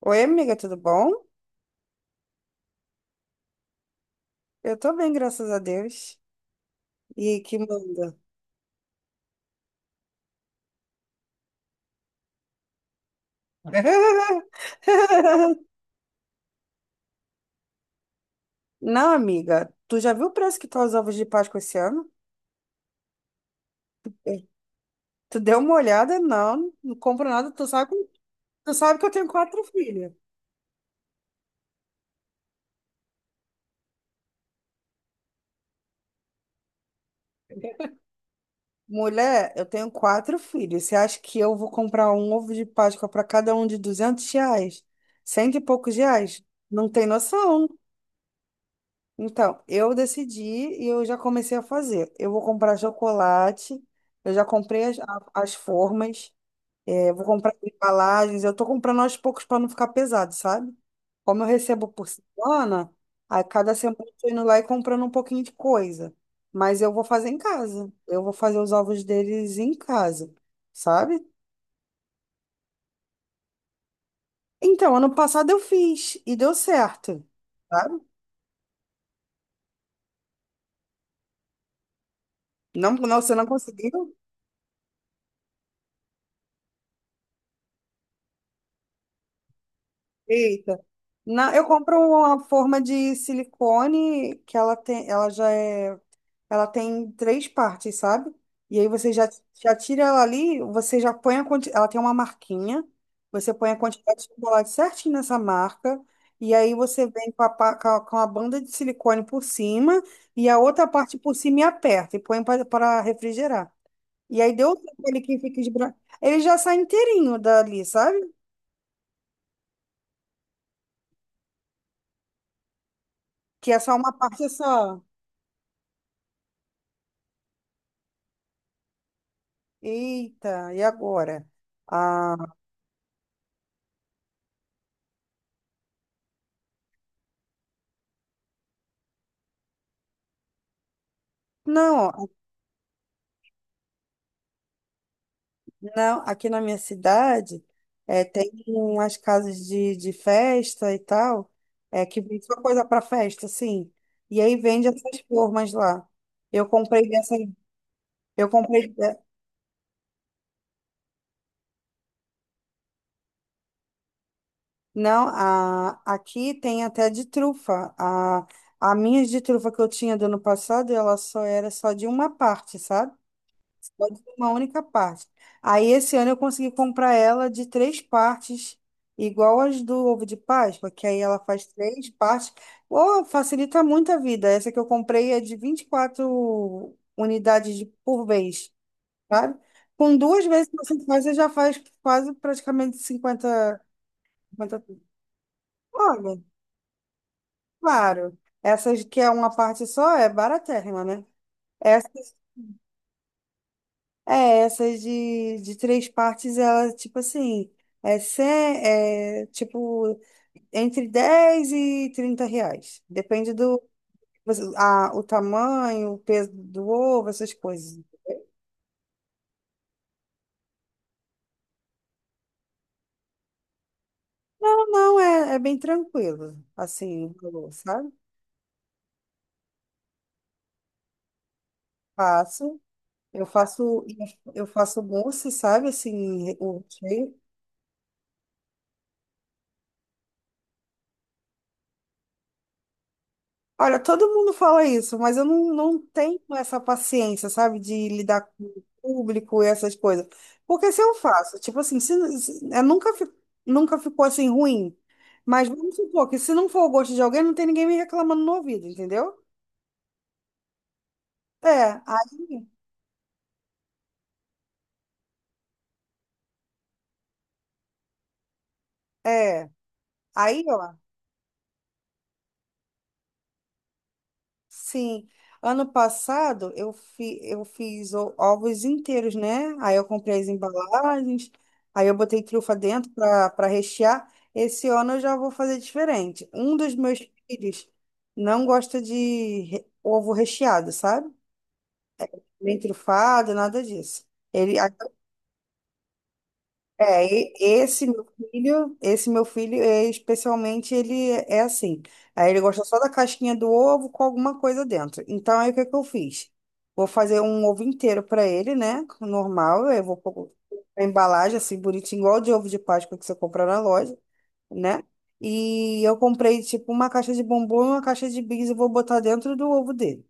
Oi, amiga, tudo bom? Eu tô bem, graças a Deus. E que manda? Não, amiga, tu já viu o preço que tá os ovos de Páscoa esse ano? Tu deu uma olhada? Não, não compro nada. Tu sabe que eu tenho quatro filhos. Mulher, eu tenho quatro filhos. Você acha que eu vou comprar um ovo de Páscoa para cada um de R$ 200? Cento e poucos reais? Não tem noção. Então, eu decidi e eu já comecei a fazer. Eu vou comprar chocolate, eu já comprei as, as formas, vou comprar as embalagens, eu tô comprando aos poucos para não ficar pesado, sabe? Como eu recebo por semana, a cada semana eu tô indo lá e comprando um pouquinho de coisa. Mas eu vou fazer em casa. Eu vou fazer os ovos deles em casa, sabe? Então, ano passado eu fiz e deu certo, sabe? Não, não, você não conseguiu? Eita. Não, eu compro uma forma de silicone que ela tem, ela tem três partes, sabe? E aí você já tira ela ali, você já põe a quantidade, ela tem uma marquinha, você põe a quantidade de chocolate certinho nessa marca, e aí você vem com a, pa- com a banda de silicone por cima e a outra parte por cima e aperta e põe para refrigerar. E aí deu aquele que fica esbranquiçado. Ele já sai inteirinho dali, sabe? Que é só uma parte só. Eita, e agora? Ah, não, não, aqui na minha cidade tem umas casas de festa e tal, que vende só coisa para festa, sim. E aí vende essas formas lá. Eu comprei dessa, eu comprei, de- não, aqui tem até de trufa. A minha de trufa que eu tinha do ano passado, ela só era só de uma parte, sabe? Pode ser uma única parte. Aí esse ano eu consegui comprar ela de três partes, igual as do ovo de Páscoa, que aí ela faz três partes. Oh, facilita muito a vida. Essa que eu comprei é de 24 unidades por vez, sabe? Com duas vezes que você faz, você já faz quase praticamente 50. 50... Olha, claro. Essas que é uma parte só é baratérrima, né? É, essas de três partes, ela, tipo assim, é, cem, é tipo entre R$ 10 e R$ 30. Depende do o tamanho, o peso do ovo, essas coisas. Não, não, é, é bem tranquilo, assim, o valor, sabe? Faço, eu faço, eu faço mousse, sabe? Assim, o recheio Olha, todo mundo fala isso, mas eu não, não tenho essa paciência, sabe, de lidar com o público e essas coisas. Porque se eu faço, tipo assim, nunca ficou assim ruim, mas vamos supor que se não for o gosto de alguém, não tem ninguém me reclamando no ouvido, entendeu? É, aí, é, ó. Sim, ano passado eu fiz ovos inteiros, né? Aí eu comprei as embalagens, aí eu botei trufa dentro para para rechear. Esse ano eu já vou fazer diferente. Um dos meus filhos não gosta de ovo recheado, sabe? Nem trufado, nada disso. Ele, é, e- esse meu filho, é, especialmente, ele é assim. Aí ele gosta só da casquinha do ovo com alguma coisa dentro. Então, aí o que que eu fiz? Vou fazer um ovo inteiro para ele, né? Normal, eu vou pôr a embalagem assim, bonitinho, igual de ovo de Páscoa que você compra na loja, né? E eu comprei, tipo, uma caixa de bombom e uma caixa de bis e vou botar dentro do ovo dele.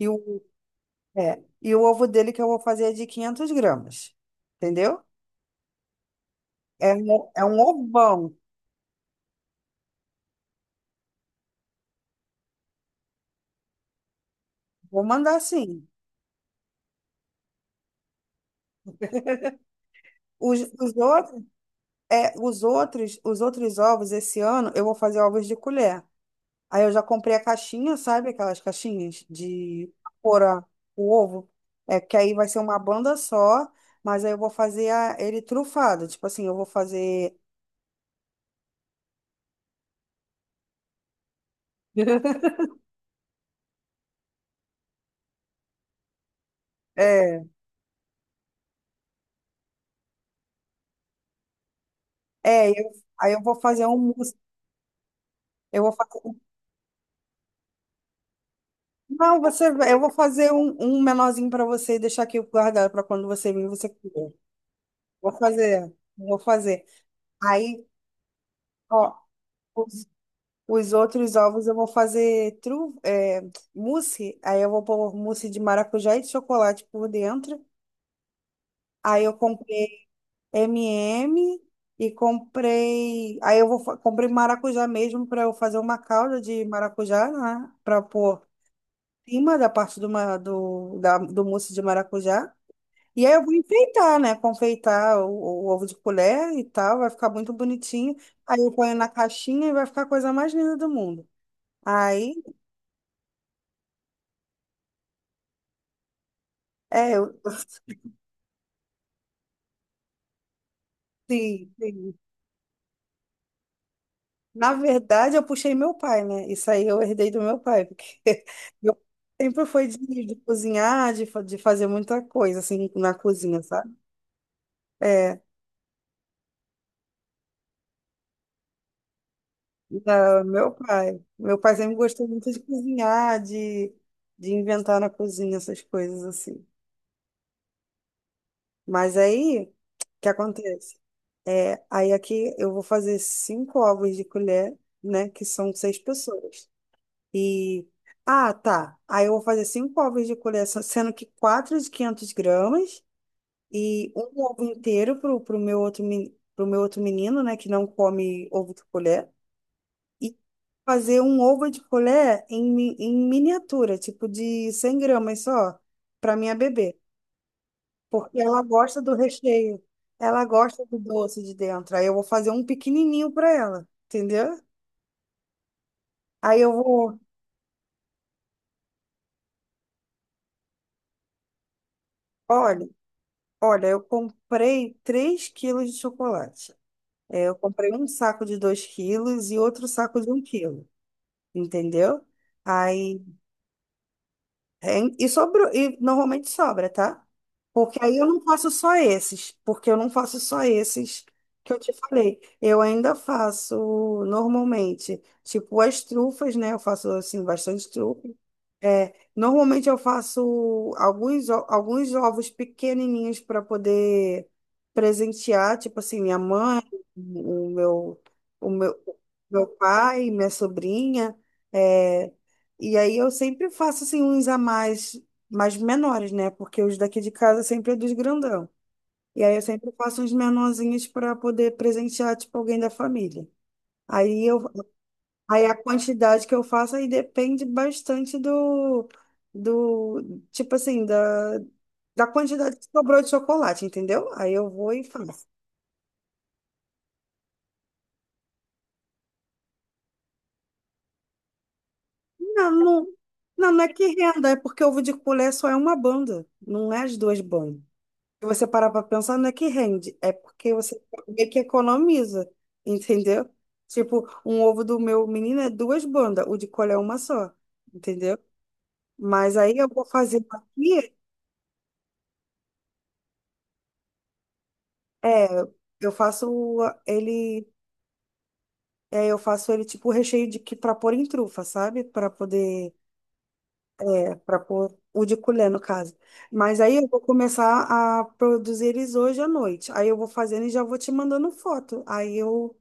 E o, e o ovo dele que eu vou fazer é de 500 gramas, entendeu? É um ovão. Vou mandar sim. Os outros, é, os outros ovos esse ano eu vou fazer ovos de colher. Aí eu já comprei a caixinha, sabe? Aquelas caixinhas de pôr a- o ovo. É que aí vai ser uma banda só, mas aí eu vou fazer ele trufado. Tipo assim, eu vou fazer. É, é, eu- aí eu vou fazer um mousse. Eu vou fazer. Não, você, eu vou fazer um, um menorzinho para você e deixar aqui guardado para quando você vir, você comer. Vou fazer, vou fazer. Aí Ó, os, os outros ovos eu vou fazer mousse, aí eu vou pôr mousse de maracujá e de chocolate por dentro. Aí eu comprei M&M e M e comprei, aí eu comprei maracujá mesmo para eu fazer uma calda de maracujá, né? Para pôr em cima da parte do, ma- do, da, do mousse de maracujá. E aí eu vou enfeitar, né? Confeitar o ovo de colher e tal, vai ficar muito bonitinho. Aí eu ponho na caixinha e vai ficar a coisa mais linda do mundo. Aí É, eu, sim, sim. Na verdade, eu puxei meu pai, né? Isso aí eu herdei do meu pai, porque meu pai sempre foi de cozinhar, de, de fazer muita coisa, assim, na cozinha, sabe? É, meu pai. Meu pai sempre gostou muito de cozinhar, de inventar na cozinha, essas coisas assim. Mas aí, o que acontece? É, aí aqui eu vou fazer cinco ovos de colher, né? Que são seis pessoas. E. Ah, tá. Aí eu vou fazer cinco ovos de colher, sendo que quatro de 500 gramas e um ovo inteiro pro meu outro, pro meu outro menino, né, que não come ovo de colher. E fazer um ovo de colher em miniatura, tipo de 100 gramas só, para minha bebê. Porque ela gosta do recheio, ela gosta do doce de dentro. Aí eu vou fazer um pequenininho para ela, entendeu? Aí eu vou. Olha. Olha, eu comprei 3 quilos de chocolate. É, eu comprei um saco de 2 quilos e outro saco de 1 quilo, entendeu? Aí, e sobrou, e normalmente sobra, tá? Porque aí eu não faço só esses, porque eu não faço só esses que eu te falei. Eu ainda faço normalmente, tipo as trufas, né? Eu faço assim bastante trufa. É, normalmente eu faço alguns, alguns ovos pequenininhos para poder presentear, tipo assim, minha mãe, o meu, o meu, meu pai, minha sobrinha. é, e aí eu sempre faço assim uns a mais, mais menores, né? Porque os daqui de casa sempre é dos grandão. E aí eu sempre faço uns menorzinhos para poder presentear, tipo, alguém da família. Aí eu Aí a quantidade que eu faço aí depende bastante do tipo assim, da quantidade que sobrou de chocolate, entendeu? Aí eu vou e faço. Não, não, não, não é que renda, é porque ovo de colher só é uma banda, não é as duas bandas. Se você parar para pensar, não é que rende, é porque você meio que economiza, entendeu? Tipo, um ovo do meu menino é duas bandas, o de colher é uma só, entendeu? Mas aí eu vou fazer aqui. É, eu faço ele, eu faço ele tipo recheio de que para pôr em trufa, sabe? Para poder, para pôr o de colher no caso. Mas aí eu vou começar a produzir eles hoje à noite. Aí eu vou fazendo e já vou te mandando foto. Aí eu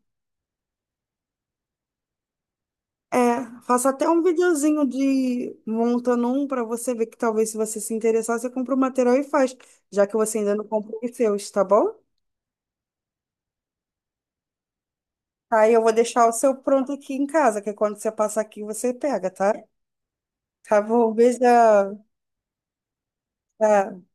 faço até um videozinho de montando um para você ver que talvez se você se interessar, você compra o material e faz, já que você ainda não comprou os seus, tá bom? Aí eu vou deixar o seu pronto aqui em casa, que é quando você passar aqui você pega, tá? Tá bom, beijão. Tá.